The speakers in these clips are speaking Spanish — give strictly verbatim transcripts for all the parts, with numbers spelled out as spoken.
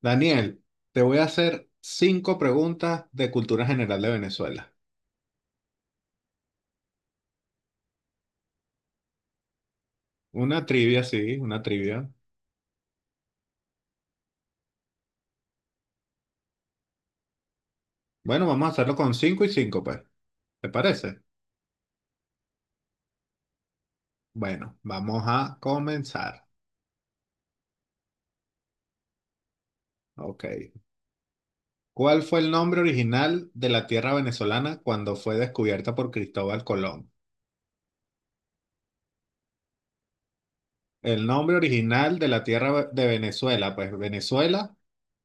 Daniel, te voy a hacer cinco preguntas de cultura general de Venezuela. Una trivia, sí, una trivia. Bueno, vamos a hacerlo con cinco y cinco, pues. ¿Te parece? Bueno, vamos a comenzar. Ok. ¿Cuál fue el nombre original de la tierra venezolana cuando fue descubierta por Cristóbal Colón? El nombre original de la tierra ve- de Venezuela, pues Venezuela,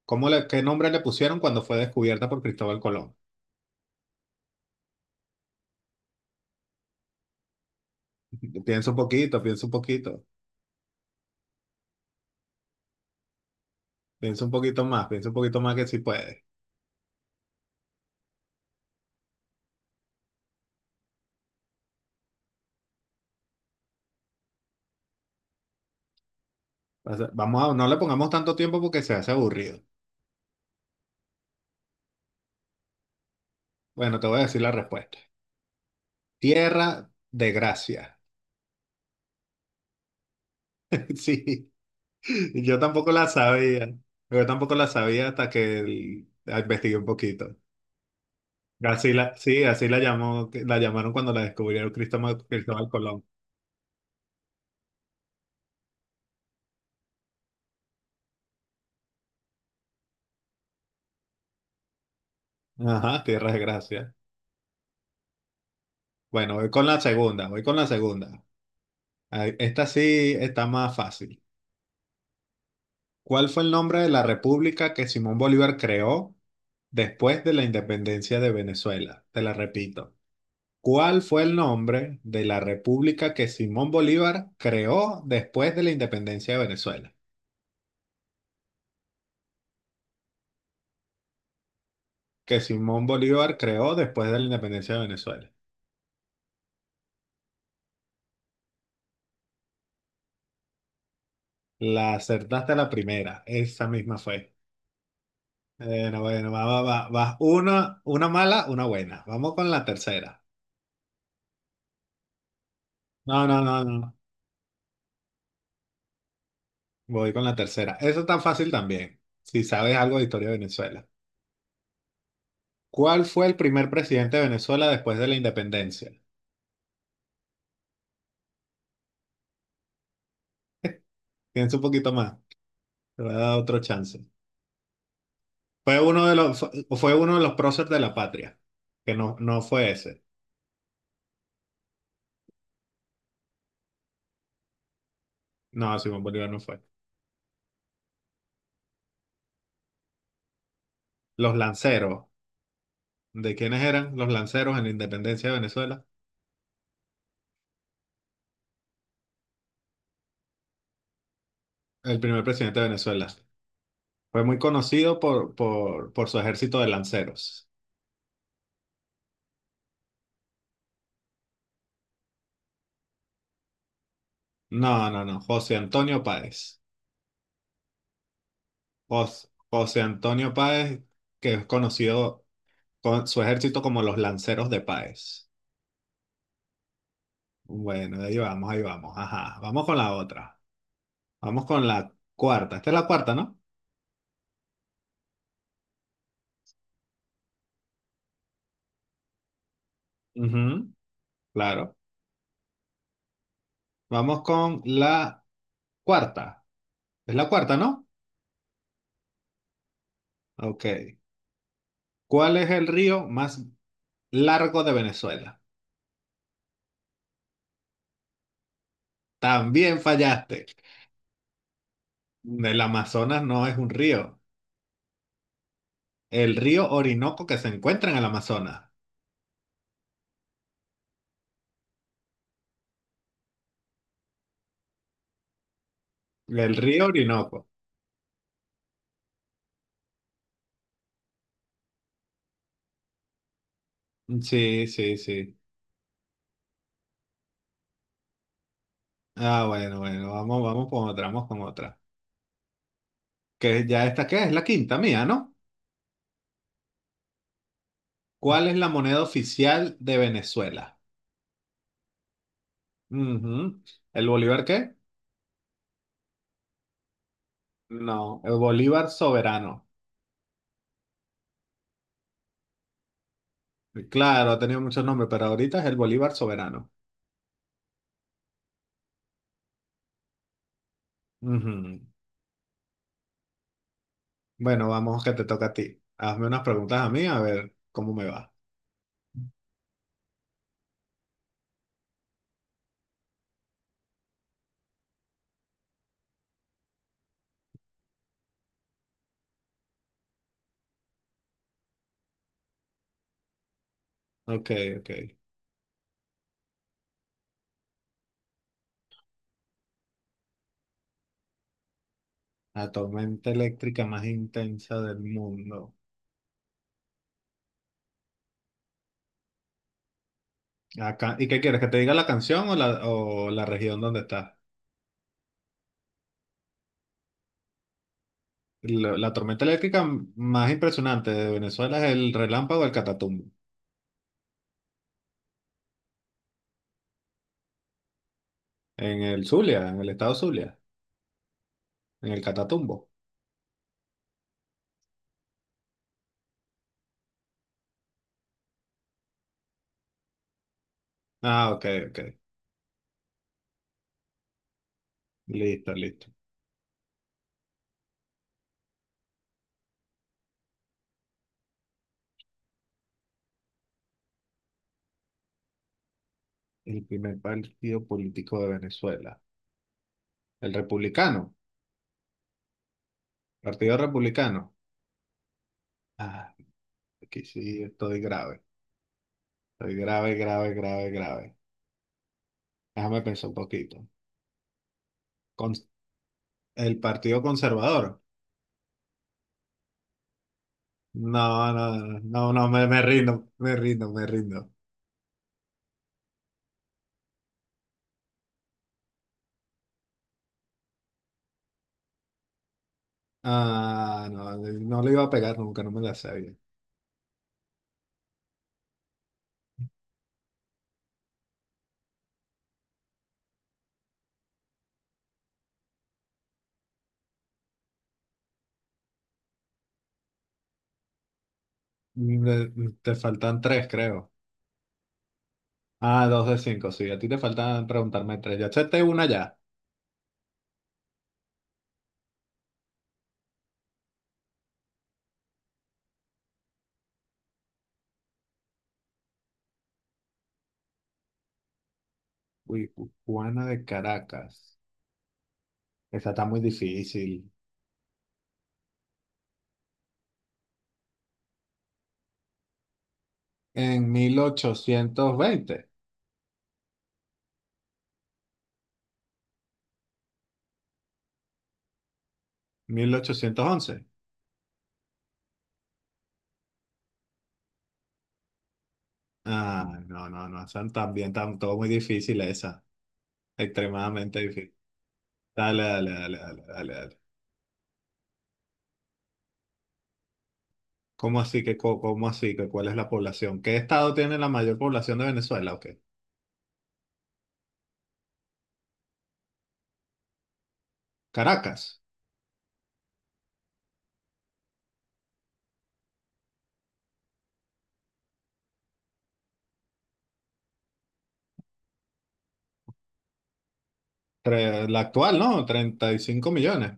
¿cómo le, ¿qué nombre le pusieron cuando fue descubierta por Cristóbal Colón? Piensa un poquito, piensa un poquito. Piensa un poquito más, piensa un poquito más que si puedes. O sea, Vamos a, no le pongamos tanto tiempo porque se hace aburrido. Bueno, te voy a decir la respuesta. Tierra de Gracia. Sí, yo tampoco la sabía. Yo tampoco la sabía hasta que el- la investigué un poquito. Así la, sí, así la llamó, la llamaron cuando la descubrieron Cristóbal, Cristóbal Colón. Ajá, tierra de gracia. Bueno, voy con la segunda, voy con la segunda. Ay, Esta sí está más fácil. ¿Cuál fue el nombre de la república que Simón Bolívar creó? Después de la independencia de Venezuela, te la repito, ¿cuál fue el nombre de la república que Simón Bolívar creó después de la independencia de Venezuela? Que Simón Bolívar creó después de la independencia de Venezuela. La acertaste a la primera, esa misma fue. Bueno, bueno, va, va, va, va. Una, una mala, una buena. Vamos con la tercera. No, no, no, no. Voy con la tercera. Eso tan fácil también, si sabes algo de historia de Venezuela. ¿Cuál fue el primer presidente de Venezuela después de la independencia? Piensa un poquito más, te voy a dar otro chance. Fue uno de los, fue, fue uno de los próceres de la patria, que no, no fue ese. No, Simón Bolívar no fue. Los lanceros, ¿de quiénes eran los lanceros en la independencia de Venezuela? El primer presidente de Venezuela. Fue muy conocido por, por, por su ejército de lanceros. No, no, no, José Antonio Páez. Jos- José Antonio Páez, que es conocido con su ejército como los lanceros de Páez. Bueno, ahí vamos, ahí vamos. Ajá, vamos con la otra. Vamos con la cuarta. Esta es la cuarta, ¿no? Ujú, claro. Vamos con la cuarta. Es la cuarta, ¿no? Ok. ¿Cuál es el río más largo de Venezuela? También fallaste. El Amazonas no es un río. El río Orinoco que se encuentra en el Amazonas. El río Orinoco. Sí, sí, sí. Ah, bueno, bueno. Vamos, vamos con otra, vamos con otra. Que ya esta, ¿qué es? La quinta mía, ¿no? ¿Cuál es la moneda oficial de Venezuela? Ujú. ¿El Bolívar qué? No, el Bolívar soberano. Claro, ha tenido muchos nombres, pero ahorita es el Bolívar soberano. Ujú. Bueno, vamos que te toca a ti. Hazme unas preguntas a mí, a ver cómo me va. Ok, ok. La tormenta eléctrica más intensa del mundo. Acá, ¿y qué quieres? ¿Que te diga la canción o la, o la, región donde está? La, la tormenta eléctrica m- más impresionante de Venezuela es el relámpago del Catatumbo. En el Zulia, en el estado Zulia, en el Catatumbo. Ah, ok, ok. Listo, listo. El primer partido político de Venezuela. El republicano. Partido republicano. Ah, aquí sí estoy grave. Estoy grave, grave, grave, grave. Déjame pensar un poquito. Con- el partido conservador. No, no, no, no, no, me, me rindo, me rindo, me rindo. Ah, no, no le iba a pegar nunca, no me la sabía. Me- te faltan tres, creo. Ah, dos de cinco, sí. A ti te faltan preguntarme tres. Ya acepté una ya. Uy, Juana de Caracas. Esa está muy difícil. En mil mil ochocientos veinte mil ochocientos once. Ah, no, no, no, están también tan, todo muy difícil esa, extremadamente difícil. Dale, dale, dale, dale, dale, dale. ¿Cómo así que, co- cómo así que, cuál es la población? ¿Qué estado tiene la mayor población de Venezuela? ¿O qué? Caracas. Tre- la actual, ¿no? Treinta y cinco millones.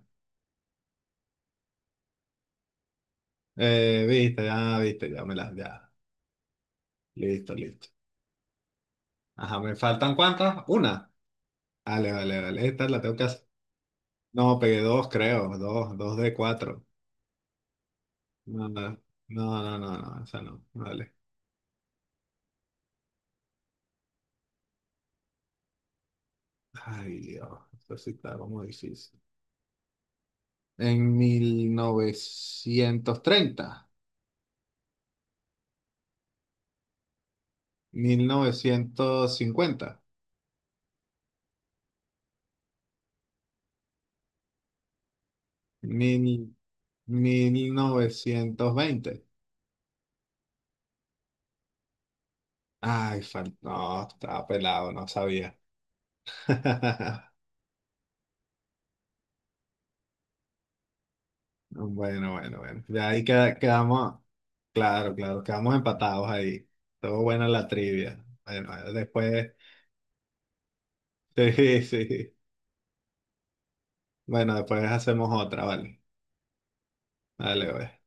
Eh, viste, ya, viste, ya me las, ya. Listo, listo. Ajá, ¿me faltan cuántas? Una. dale vale, vale. Esta la tengo que hacer. No, pegué dos, creo. Dos, dos de cuatro. No, no, no, no, no, no, esa no. Vale. Ay, Dios. Eso sí está como difícil. En mil novecientos treinta mil, novecientos novecientos cincuenta mil mil novecientos veinte. Ay, fal- no, estaba pelado, no sabía. Bueno, bueno, bueno. Ya ahí queda- quedamos. Claro, claro, quedamos empatados ahí. Todo buena la trivia. Bueno, después. Sí, sí. Bueno, después hacemos otra, vale. Dale, pues.